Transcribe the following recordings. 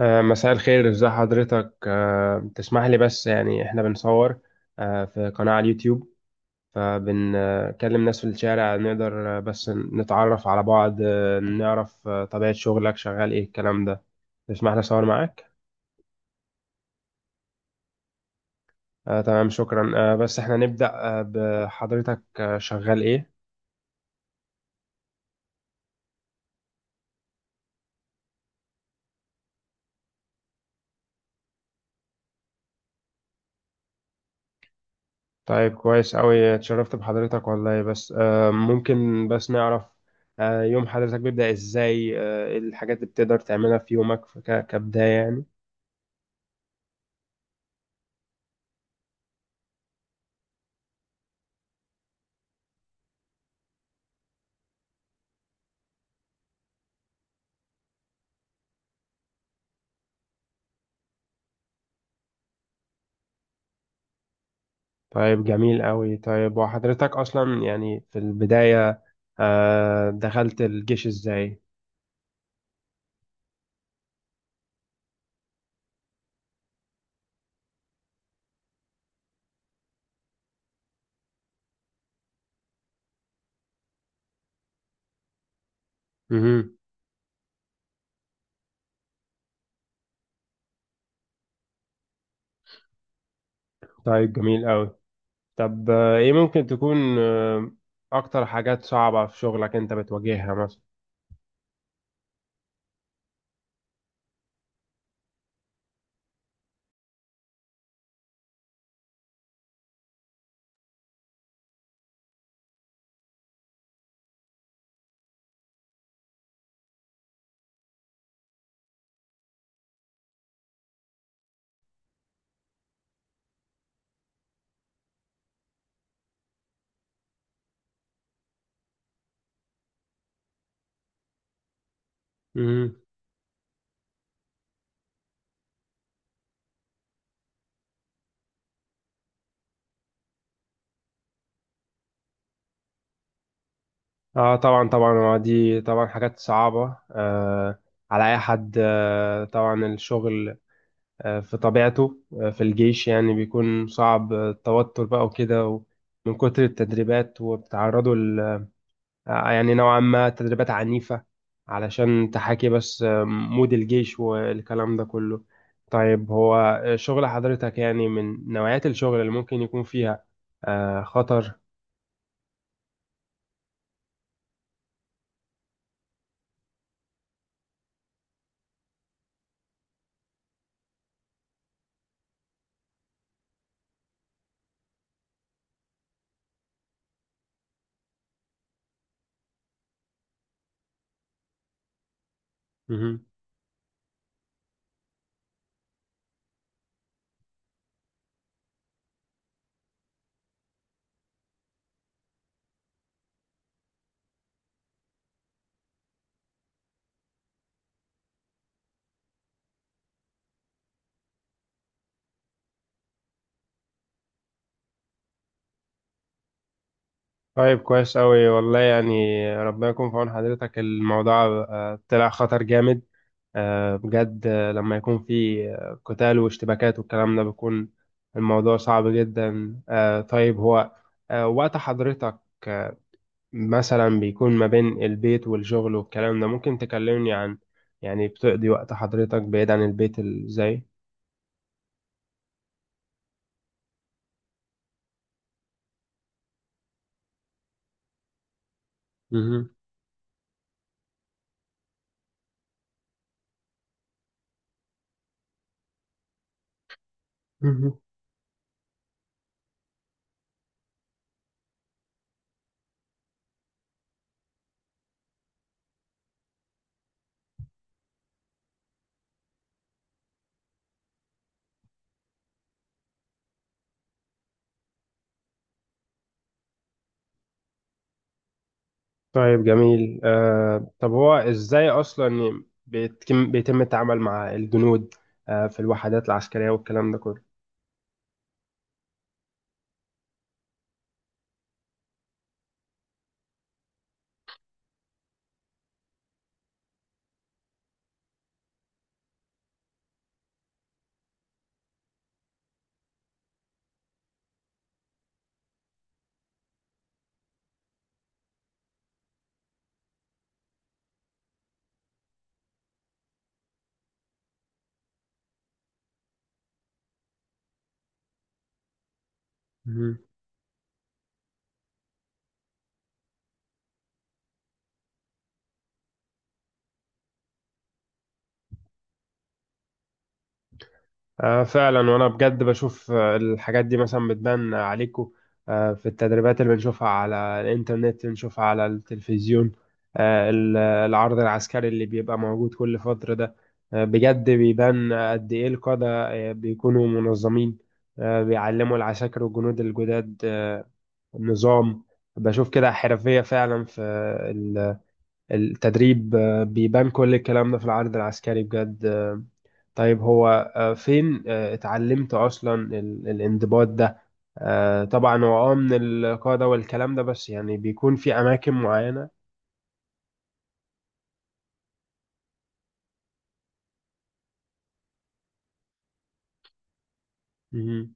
مساء الخير، ازي حضرتك؟ تسمح لي، بس يعني احنا بنصور، في قناة على اليوتيوب، فبنكلم ناس في الشارع. نقدر بس نتعرف على بعض، نعرف طبيعة شغلك، شغال ايه الكلام ده؟ تسمح لي اصور معاك؟ تمام، شكرا. بس احنا نبدأ بحضرتك، شغال ايه؟ طيب، كويس أوي، اتشرفت بحضرتك والله. بس ممكن بس نعرف يوم حضرتك بيبدأ ازاي؟ ايه الحاجات اللي بتقدر تعملها في يومك كبداية يعني؟ طيب، جميل قوي. طيب وحضرتك أصلا يعني في البداية، دخلت الجيش إزاي؟ مهم. طيب، جميل قوي. طب إيه ممكن تكون أكتر حاجات صعبة في شغلك أنت بتواجهها مثلا؟ مهم. اه طبعا، طبعا. هو دي طبعا حاجات صعبة على اي حد، آه طبعا. الشغل في طبيعته في الجيش يعني بيكون صعب، التوتر بقى وكده من كتر التدريبات، وبتعرضوا يعني نوعا ما تدريبات عنيفة علشان تحاكي بس مود الجيش والكلام ده كله. طيب، هو شغل حضرتك يعني من نوعيات الشغل اللي ممكن يكون فيها خطر؟ مهم. طيب، كويس أوي والله يعني. ربنا يكون في عون حضرتك. الموضوع طلع خطر جامد بجد. لما يكون في قتال واشتباكات والكلام ده، بيكون الموضوع صعب جدا. طيب، هو وقت حضرتك مثلا بيكون ما بين البيت والشغل والكلام ده، ممكن تكلمني عن، يعني، بتقضي وقت حضرتك بعيد عن البيت ازاي؟ مهم. مهم. طيب، جميل. آه طب هو ازاي اصلا بيتم التعامل مع الجنود آه في الوحدات العسكرية والكلام ده كله؟ آه فعلا. وانا بجد بشوف الحاجات دي مثلا بتبان عليكم آه في التدريبات اللي بنشوفها على الانترنت، بنشوفها على التلفزيون. آه العرض العسكري اللي بيبقى موجود كل فترة ده آه بجد بيبان قد ايه القادة آه بيكونوا منظمين، آه بيعلموا العساكر والجنود الجداد آه النظام. بشوف كده حرفية فعلا في ال- التدريب. آه بيبان كل الكلام ده في العرض العسكري بجد. طيب هو فين اتعلمت اصلا الانضباط ده؟ طبعا هو اه من القاعده والكلام ده، بس يعني بيكون في اماكن معينه. مهم.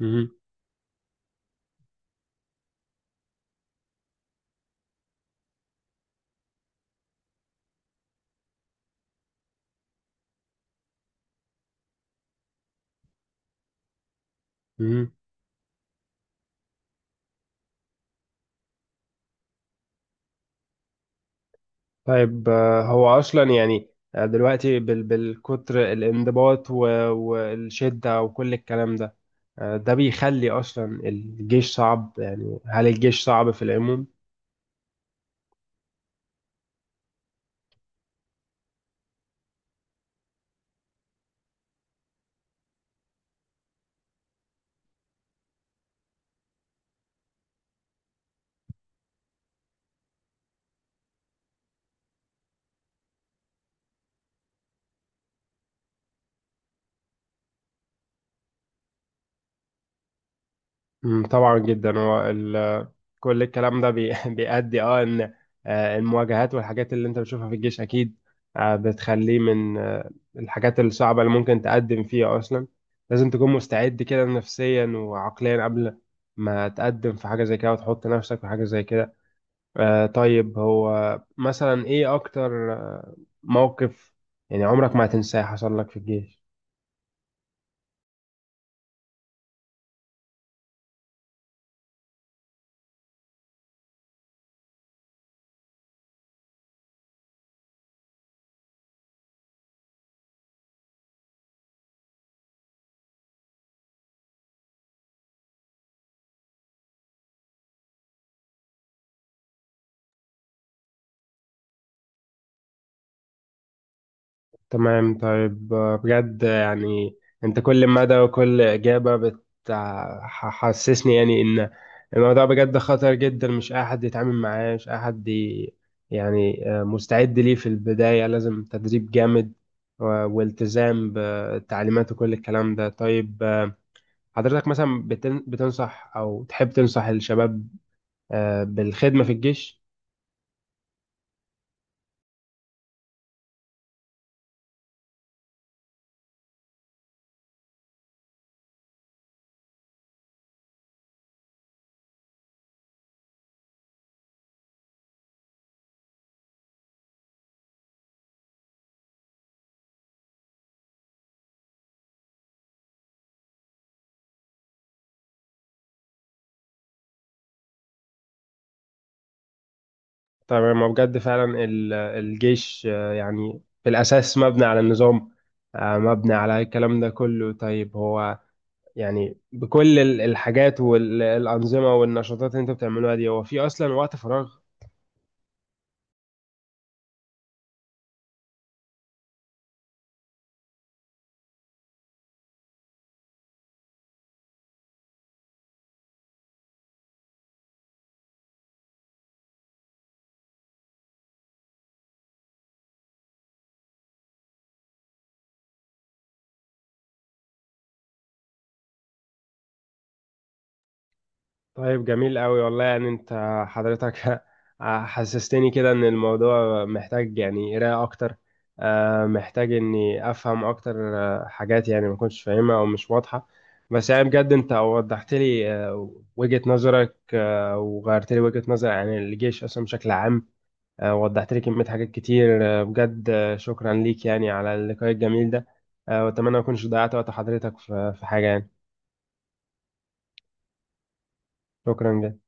مهم. مهم. طيب هو اصلا يعني دلوقتي بالكتر الانضباط والشده وكل الكلام ده، ده بيخلي اصلا الجيش صعب. يعني هل الجيش صعب في العموم؟ مم، طبعا جدا. هو كل الكلام ده بيؤدي اه ان المواجهات والحاجات اللي انت بتشوفها في الجيش اكيد بتخليه من الحاجات الصعبة اللي ممكن تقدم فيها اصلا. لازم تكون مستعد كده نفسيا وعقليا قبل ما تقدم في حاجة زي كده وتحط نفسك في حاجة زي كده. طيب، هو مثلا ايه اكتر موقف يعني عمرك ما هتنساه حصل لك في الجيش؟ تمام. طيب بجد يعني، انت كل مدى وكل اجابه بتحسسني يعني ان الموضوع بجد خطر جدا، مش اي حد يتعامل معاه، مش اي حد يعني مستعد ليه. في البدايه لازم تدريب جامد والتزام بالتعليمات وكل الكلام ده. طيب حضرتك مثلا بتنصح او تحب تنصح الشباب بالخدمه في الجيش؟ تمام. ما بجد فعلا الجيش يعني في الأساس مبني على النظام، مبني على الكلام ده كله. طيب هو يعني بكل الحاجات والأنظمة والنشاطات اللي انت بتعملوها دي، هو في أصلا وقت فراغ؟ طيب، جميل قوي والله يعني. انت، حضرتك، حسستني كده ان الموضوع محتاج يعني قراءة اكتر، محتاج اني افهم اكتر حاجات يعني ما كنتش فاهمها او مش واضحة. بس يعني بجد انت وضحت لي وجهة نظرك، وغيرت لي وجهة نظري عن الجيش اصلا بشكل عام. وضحت لي كمية حاجات كتير. بجد شكرا ليك يعني على اللقاء الجميل ده. واتمنى ما اكونش ضيعت وقت حضرتك في حاجة يعني. شكرا جدا.